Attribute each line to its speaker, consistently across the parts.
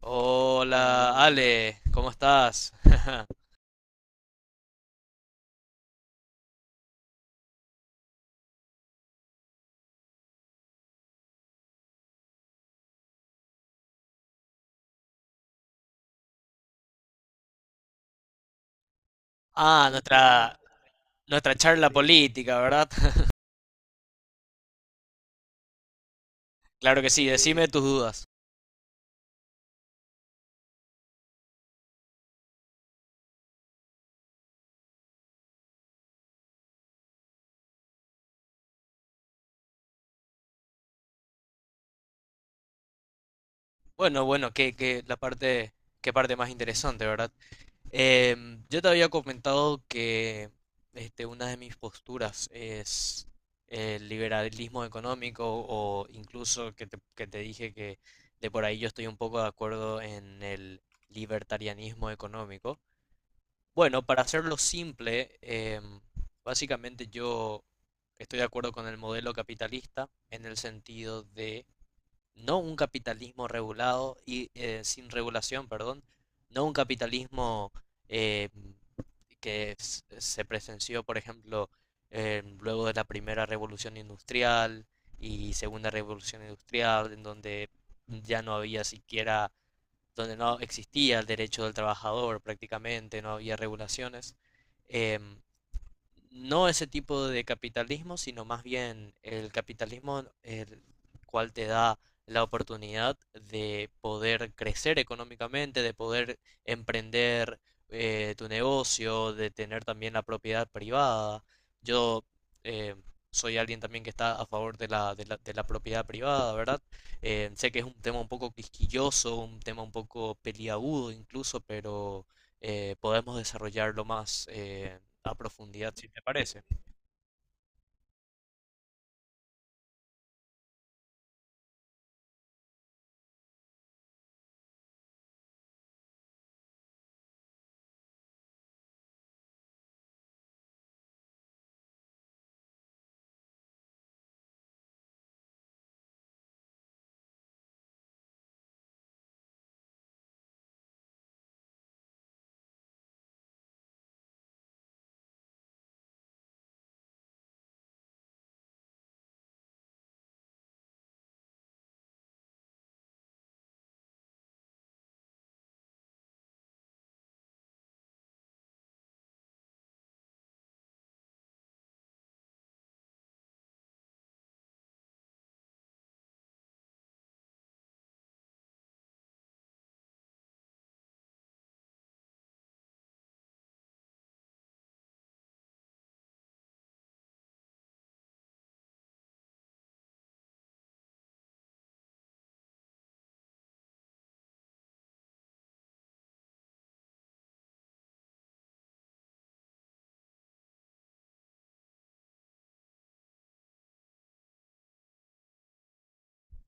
Speaker 1: Hola, Ale, ¿cómo estás? Ah, nuestra charla política, ¿verdad? Claro que sí, decime tus dudas. Bueno, qué parte más interesante, ¿verdad? Yo te había comentado que una de mis posturas es el liberalismo económico o incluso que te dije que de por ahí yo estoy un poco de acuerdo en el libertarianismo económico. Bueno, para hacerlo simple, básicamente yo estoy de acuerdo con el modelo capitalista en el sentido de no un capitalismo regulado y sin regulación, perdón, no un capitalismo eh, se presenció, por ejemplo, luego de la primera revolución industrial y segunda revolución industrial, en donde ya no había siquiera donde no existía el derecho del trabajador prácticamente, no había regulaciones, em, no ese tipo de capitalismo, sino más bien el capitalismo el cual te da la oportunidad de poder crecer económicamente, de poder emprender tu negocio, de tener también la propiedad privada. Yo eh, soy alguien también que está a favor de la propiedad privada, ¿verdad? Sé que es un tema un poco quisquilloso, un tema un poco peliagudo incluso, pero podemos desarrollarlo más, a profundidad, si te parece.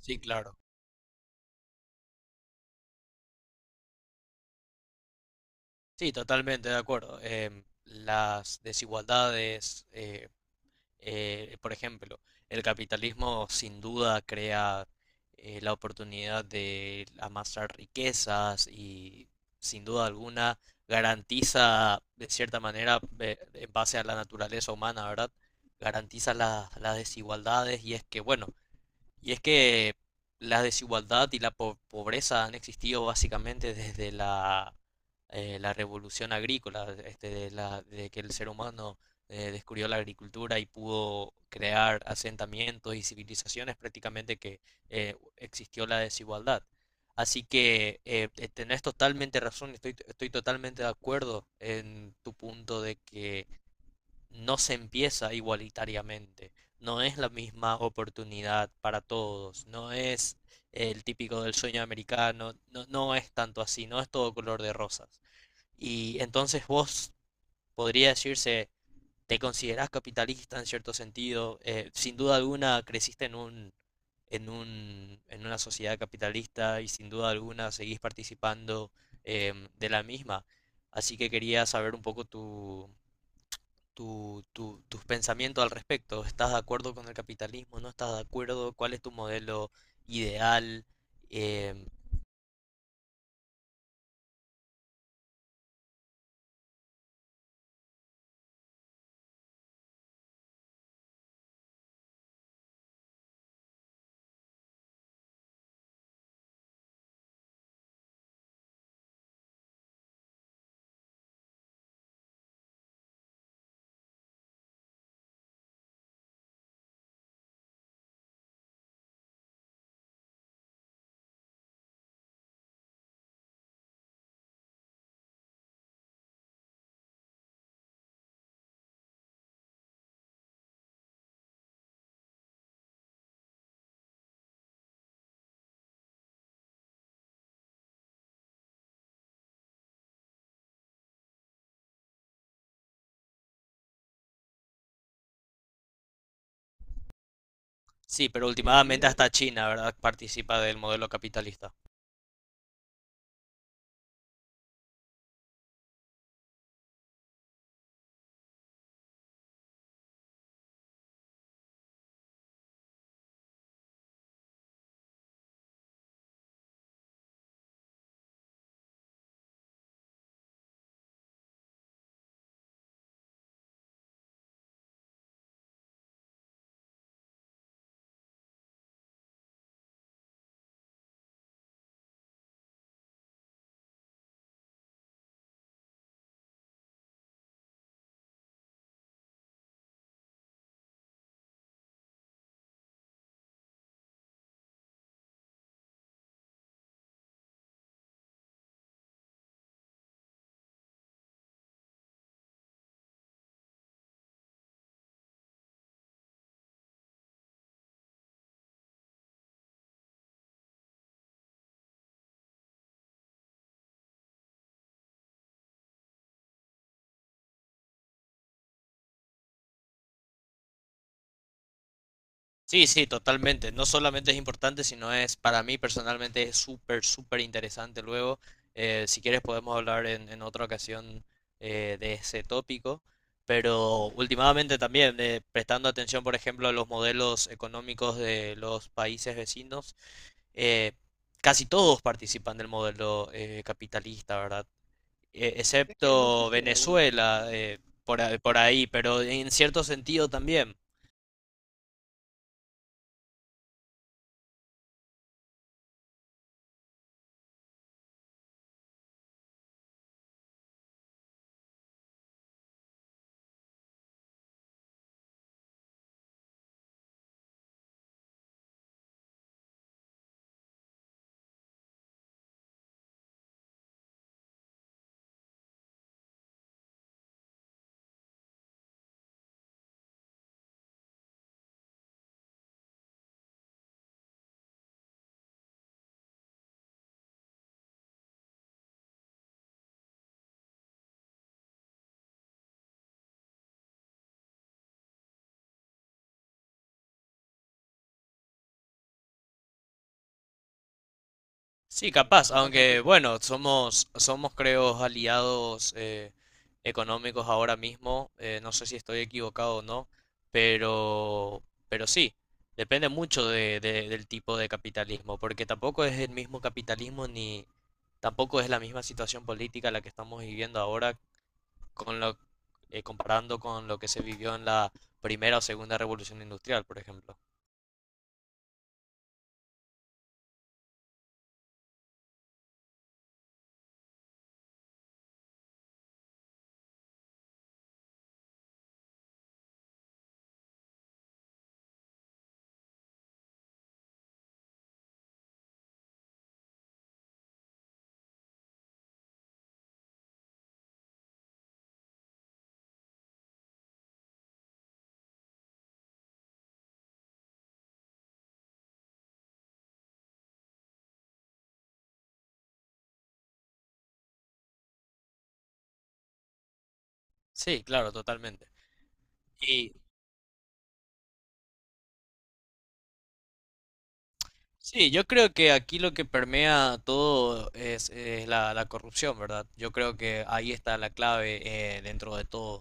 Speaker 1: Sí, claro. Sí, totalmente de acuerdo. Las desigualdades, por ejemplo, el capitalismo sin duda crea la oportunidad de amasar riquezas y sin duda alguna garantiza, de cierta manera, en base a la naturaleza humana, ¿verdad? Garantiza las desigualdades y es que, bueno, y es que la desigualdad y pobreza han existido básicamente desde la, la revolución agrícola, de que el ser humano descubrió la agricultura y pudo crear asentamientos y civilizaciones prácticamente que existió la desigualdad. Así que tenés totalmente razón, estoy totalmente de acuerdo en tu punto de que no se empieza igualitariamente, no es la misma oportunidad para todos, no es el típico del sueño americano, no, no es tanto así, no es todo color de rosas. Y entonces vos podría decirse, te considerás capitalista en cierto sentido, sin duda alguna creciste en una sociedad capitalista y sin duda alguna seguís participando de la misma. Así que quería saber un poco tus pensamientos al respecto. ¿Estás de acuerdo con el capitalismo? ¿No estás de acuerdo? ¿Cuál es tu modelo ideal? Em, sí, pero últimamente hasta China, ¿verdad? Participa del modelo capitalista. Sí, sí, totalmente. No solamente es importante, sino es, para mí personalmente, es súper interesante. Luego, si quieres, podemos hablar en otra ocasión de ese tópico. Pero últimamente también, prestando atención, por ejemplo, a los modelos económicos de los países vecinos, eh, casi todos participan del modelo capitalista, ¿verdad? Excepto Venezuela, por, por ahí, pero en cierto sentido también. Sí, capaz, aunque bueno, somos creo aliados económicos ahora mismo, no sé si estoy equivocado o no, pero, pero sí, depende mucho del tipo de capitalismo, porque tampoco es el mismo capitalismo ni tampoco es la misma situación política la que estamos viviendo ahora con lo, comparando con lo que se vivió en la primera o segunda revolución industrial, por ejemplo. Sí, claro, totalmente. Y sí, yo creo que aquí lo que permea todo es la, la corrupción, ¿verdad? Yo creo que ahí está la clave dentro de todo.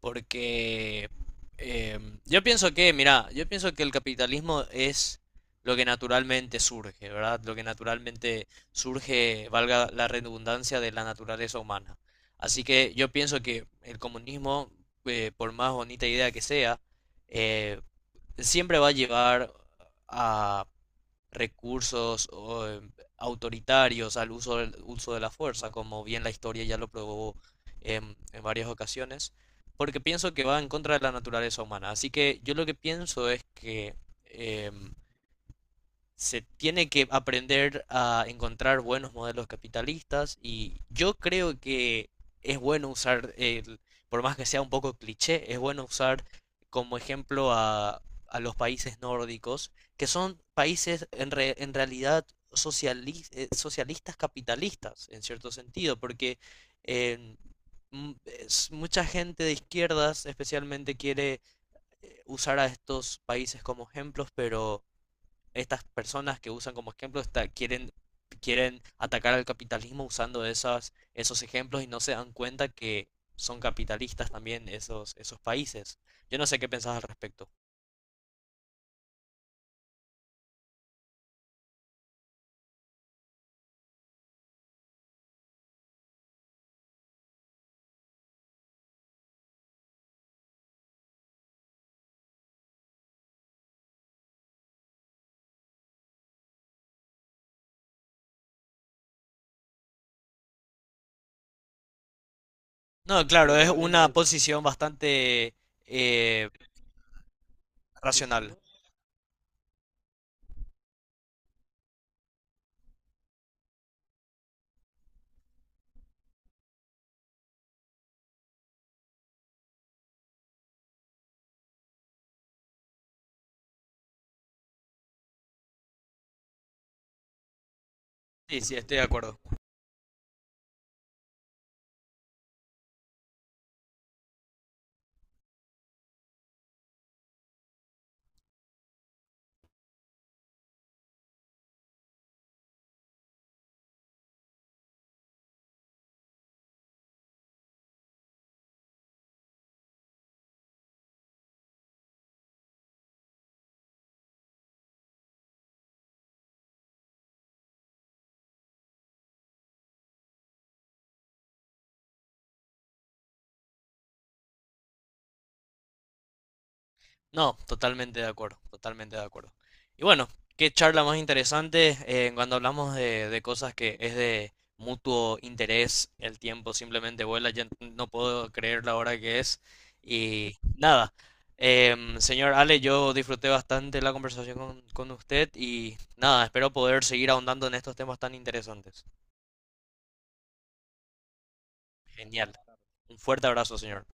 Speaker 1: Porque yo pienso que, mira, yo pienso que el capitalismo es lo que naturalmente surge, ¿verdad? Lo que naturalmente surge, valga la redundancia, de la naturaleza humana. Así que yo pienso que el comunismo, por más bonita idea que sea, eh, siempre va a llevar a recursos o, autoritarios al uso del uso de la fuerza, como bien la historia ya lo probó en varias ocasiones, porque pienso que va en contra de la naturaleza humana. Así que yo lo que pienso es que em, se tiene que aprender a encontrar buenos modelos capitalistas y yo creo que es bueno usar, el, por más que sea un poco cliché, es bueno usar como ejemplo a los países nórdicos, que son países en realidad socialistas capitalistas, en cierto sentido, porque eh, mucha gente de izquierdas especialmente quiere usar a estos países como ejemplos, pero estas personas que usan como ejemplo quieren atacar al capitalismo usando esos ejemplos y no se dan cuenta que son capitalistas también esos países. Yo no sé qué pensás al respecto. No, claro, es una posición bastante eh, racional. Sí, sí, estoy de acuerdo. No, totalmente de acuerdo, totalmente de acuerdo. Y bueno, qué charla más interesante cuando hablamos de cosas que es de mutuo interés, el tiempo simplemente vuela, ya no puedo creer la hora que es. Y nada, señor Ale, yo disfruté bastante la conversación con usted y nada, espero poder seguir ahondando en estos temas tan interesantes. Genial. Un fuerte abrazo, señor.